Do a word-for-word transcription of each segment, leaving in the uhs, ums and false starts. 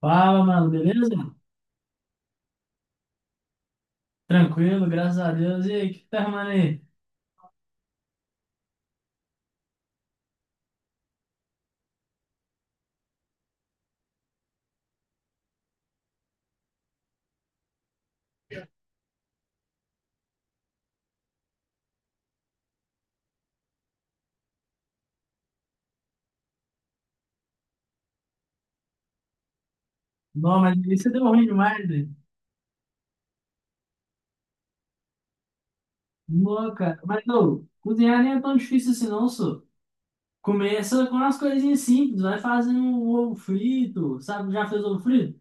Fala, mano, beleza? Tranquilo, graças a Deus. E aí, o que tá arrumando aí? Não, mas isso deu ruim demais, velho. Não, cara. Mas, ô, cozinhar nem é tão difícil assim, não, só. Começa com umas coisinhas simples, vai fazendo um ovo frito, sabe? Já fez ovo frito?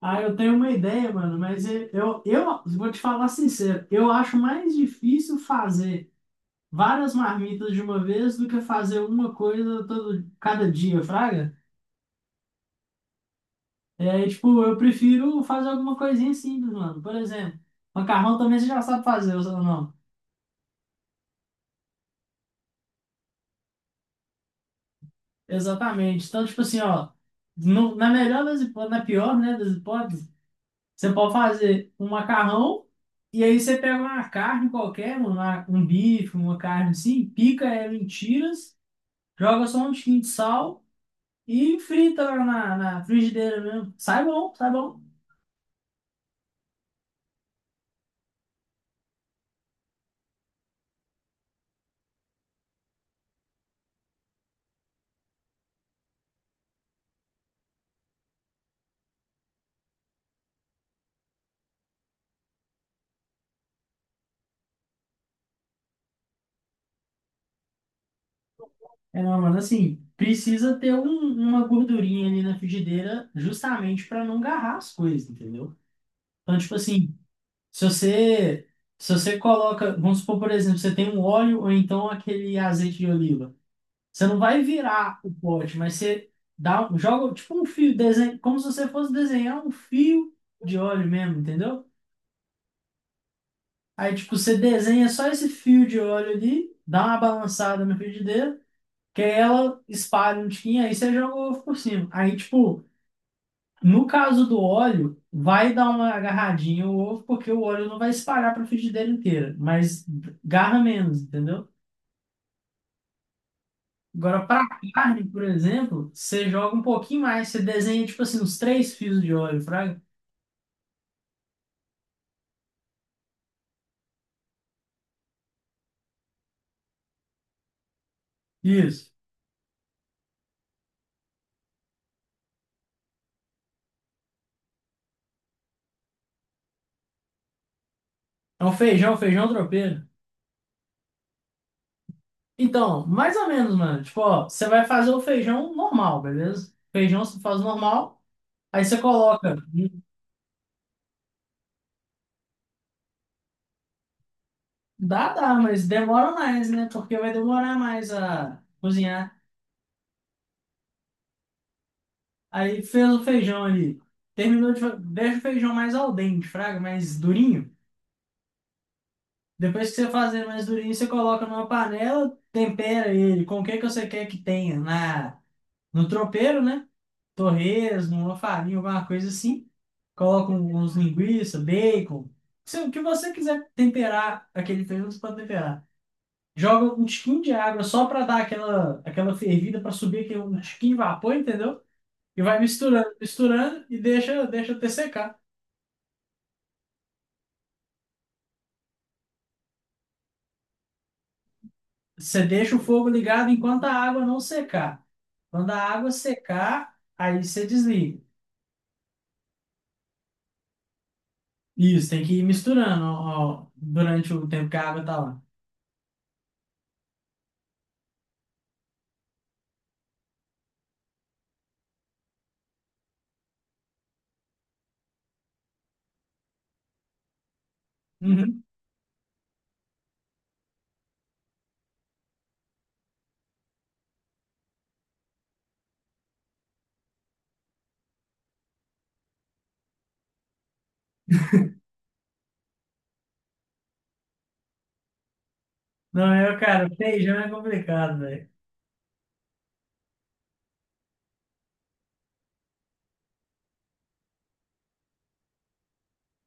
Ah, eu tenho uma ideia, mano, mas eu, eu, eu vou te falar sincero, eu acho mais difícil fazer várias marmitas de uma vez do que fazer uma coisa todo, cada dia, fraga? É, tipo, eu prefiro fazer alguma coisinha simples, mano. Por exemplo, macarrão também você já sabe fazer, ou não? Exatamente. Então, tipo assim, ó, no- na melhor das hipóteses, na pior, né, das hipóteses, você pode fazer um macarrão e aí você pega uma carne qualquer, uma, um bife, uma carne assim, pica ela em tiras, joga só um tiquinho de sal e frita lá na, na frigideira mesmo. Sai bom, sai bom. É, não, mano, assim, precisa ter um- uma gordurinha ali na frigideira justamente para não agarrar as coisas, entendeu? Então, tipo assim, se você se você coloca, vamos supor, por exemplo, você tem um óleo ou então aquele azeite de oliva, você não vai virar o pote, mas você dá, um- joga tipo um fio, desenha, como se você fosse desenhar um fio de óleo mesmo, entendeu? Aí, tipo, você desenha só esse fio de óleo ali, dá uma balançada na frigideira, que ela espalha um tiquinho, aí você joga o ovo por cima. Aí, tipo, no caso do óleo, vai dar uma agarradinha o ovo, porque o óleo não vai espalhar para a frigideira inteira, mas garra menos, entendeu? Agora, para carne, por exemplo, você joga um pouquinho mais, você desenha, tipo assim, uns três fios de óleo, fraga. Isso. É um feijão, feijão tropeiro. Então, mais ou menos, mano. Tipo, ó, você vai fazer o feijão normal, beleza? Feijão você faz normal, aí você coloca. Dá, dá, mas demora mais, né? Porque vai demorar mais a cozinhar. Aí fez o feijão ali. Terminou de. fa- Deixa o feijão mais al dente, fraga, mais durinho. Depois que você fazer mais durinho, você coloca numa panela, tempera ele com o que que você quer que tenha na, no tropeiro, né? Torresmo, uma farinha, alguma coisa assim. Coloca um- uns linguiça, bacon. Se, o que você quiser temperar aquele feijão, você pode temperar. Joga um tiquinho de água só para dar aquela, aquela fervida para subir aquele um tiquinho de vapor, entendeu? E vai misturando, misturando e deixa, deixa até secar. Você deixa o fogo ligado enquanto a água não secar. Quando a água secar, aí você desliga. Isso, tem que ir misturando ó, ó, durante o tempo que a água tá lá. Uhum. Não, eu, cara, feijão é complicado, velho.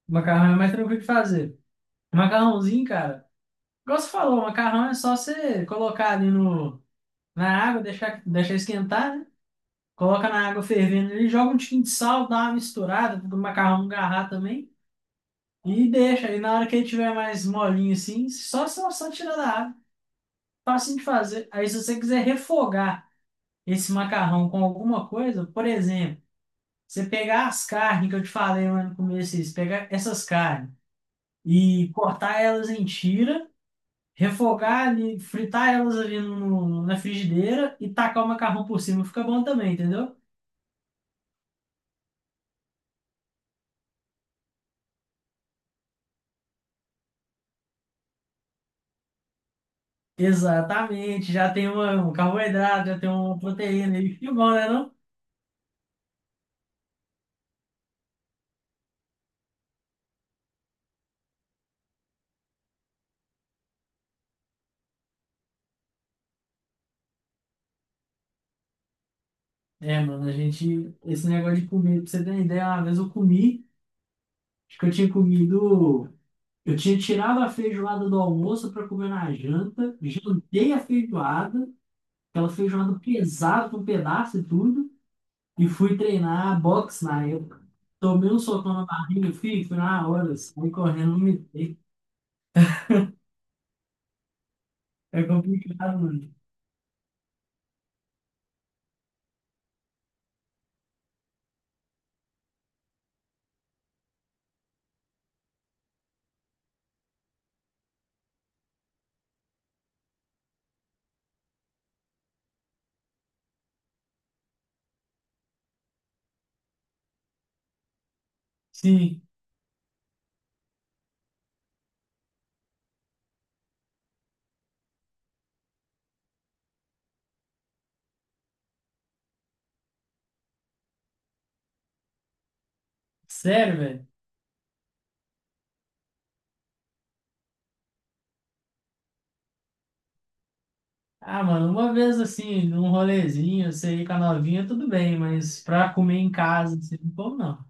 Macarrão é mais tranquilo de fazer. Macarrãozinho, cara. Igual você falou, macarrão é só você colocar ali no, na água, deixar, deixar esquentar, né? Coloca na água fervendo ali, joga um tiquinho de sal, dá uma misturada, do macarrão no garra também. E deixa. Aí na hora que ele tiver mais molinho assim, só, só, só tira da água. Fácil de fazer. Aí se você quiser refogar esse macarrão com alguma coisa, por exemplo, você pegar as carnes que eu te falei lá no começo, isso, pegar essas carnes e cortar elas em tira, refogar ali, fritar elas ali no- na frigideira e tacar o macarrão por cima, fica bom também, entendeu? Exatamente, já tem uma, um carboidrato, já tem uma proteína e que bom, né, não? É, mano, a gente, esse negócio de comer, pra você ter uma ideia, uma vez eu comi, acho que eu tinha comido, eu tinha tirado a feijoada do almoço pra comer na janta, jantei a feijoada, aquela feijoada pesada com pedaço e tudo, e fui treinar boxe na época. Tomei um socão na barriga, filho, fui na hora, saí correndo, não me dei. É complicado, mano. Sim, sério, velho. Ah, mano, uma vez assim, num rolezinho, você ir com a novinha, tudo bem, mas pra comer em casa, assim, pô, não.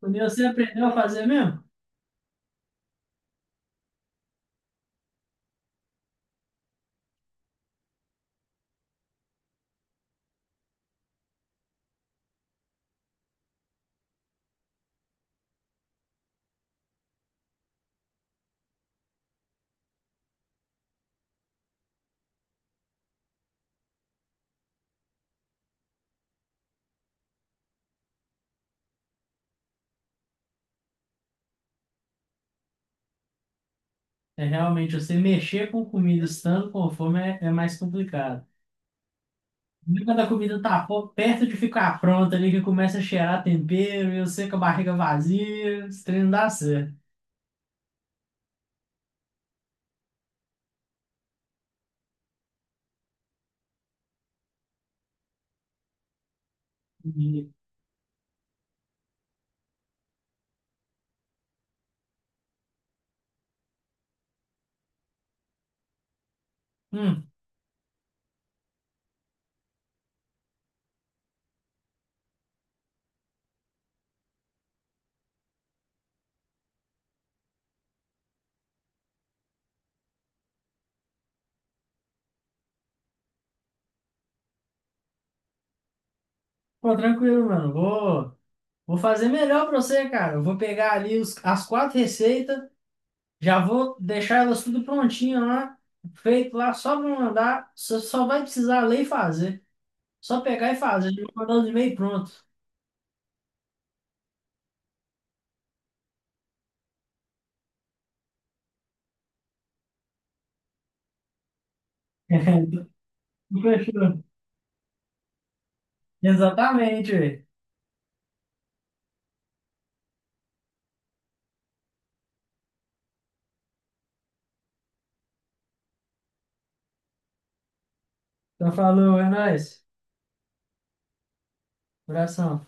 Comer você aprendeu a fazer mesmo? É realmente, você mexer com comida estando com fome é, é mais complicado. E quando a comida tá po- perto de ficar pronta ali, que começa a cheirar tempero, e você com a barriga vazia, esse trem não dá certo. E, hum, Pô, tranquilo, mano, vou, vou fazer melhor pra você, cara. Eu vou pegar ali os- as quatro receitas. Já vou deixar elas tudo prontinho lá, feito lá, só para mandar. Você só vai precisar ler e fazer. Só pegar e fazer, já mandar os e-mail pronto. Fechou. Exatamente, velho. Então falou, é nóis. Abração.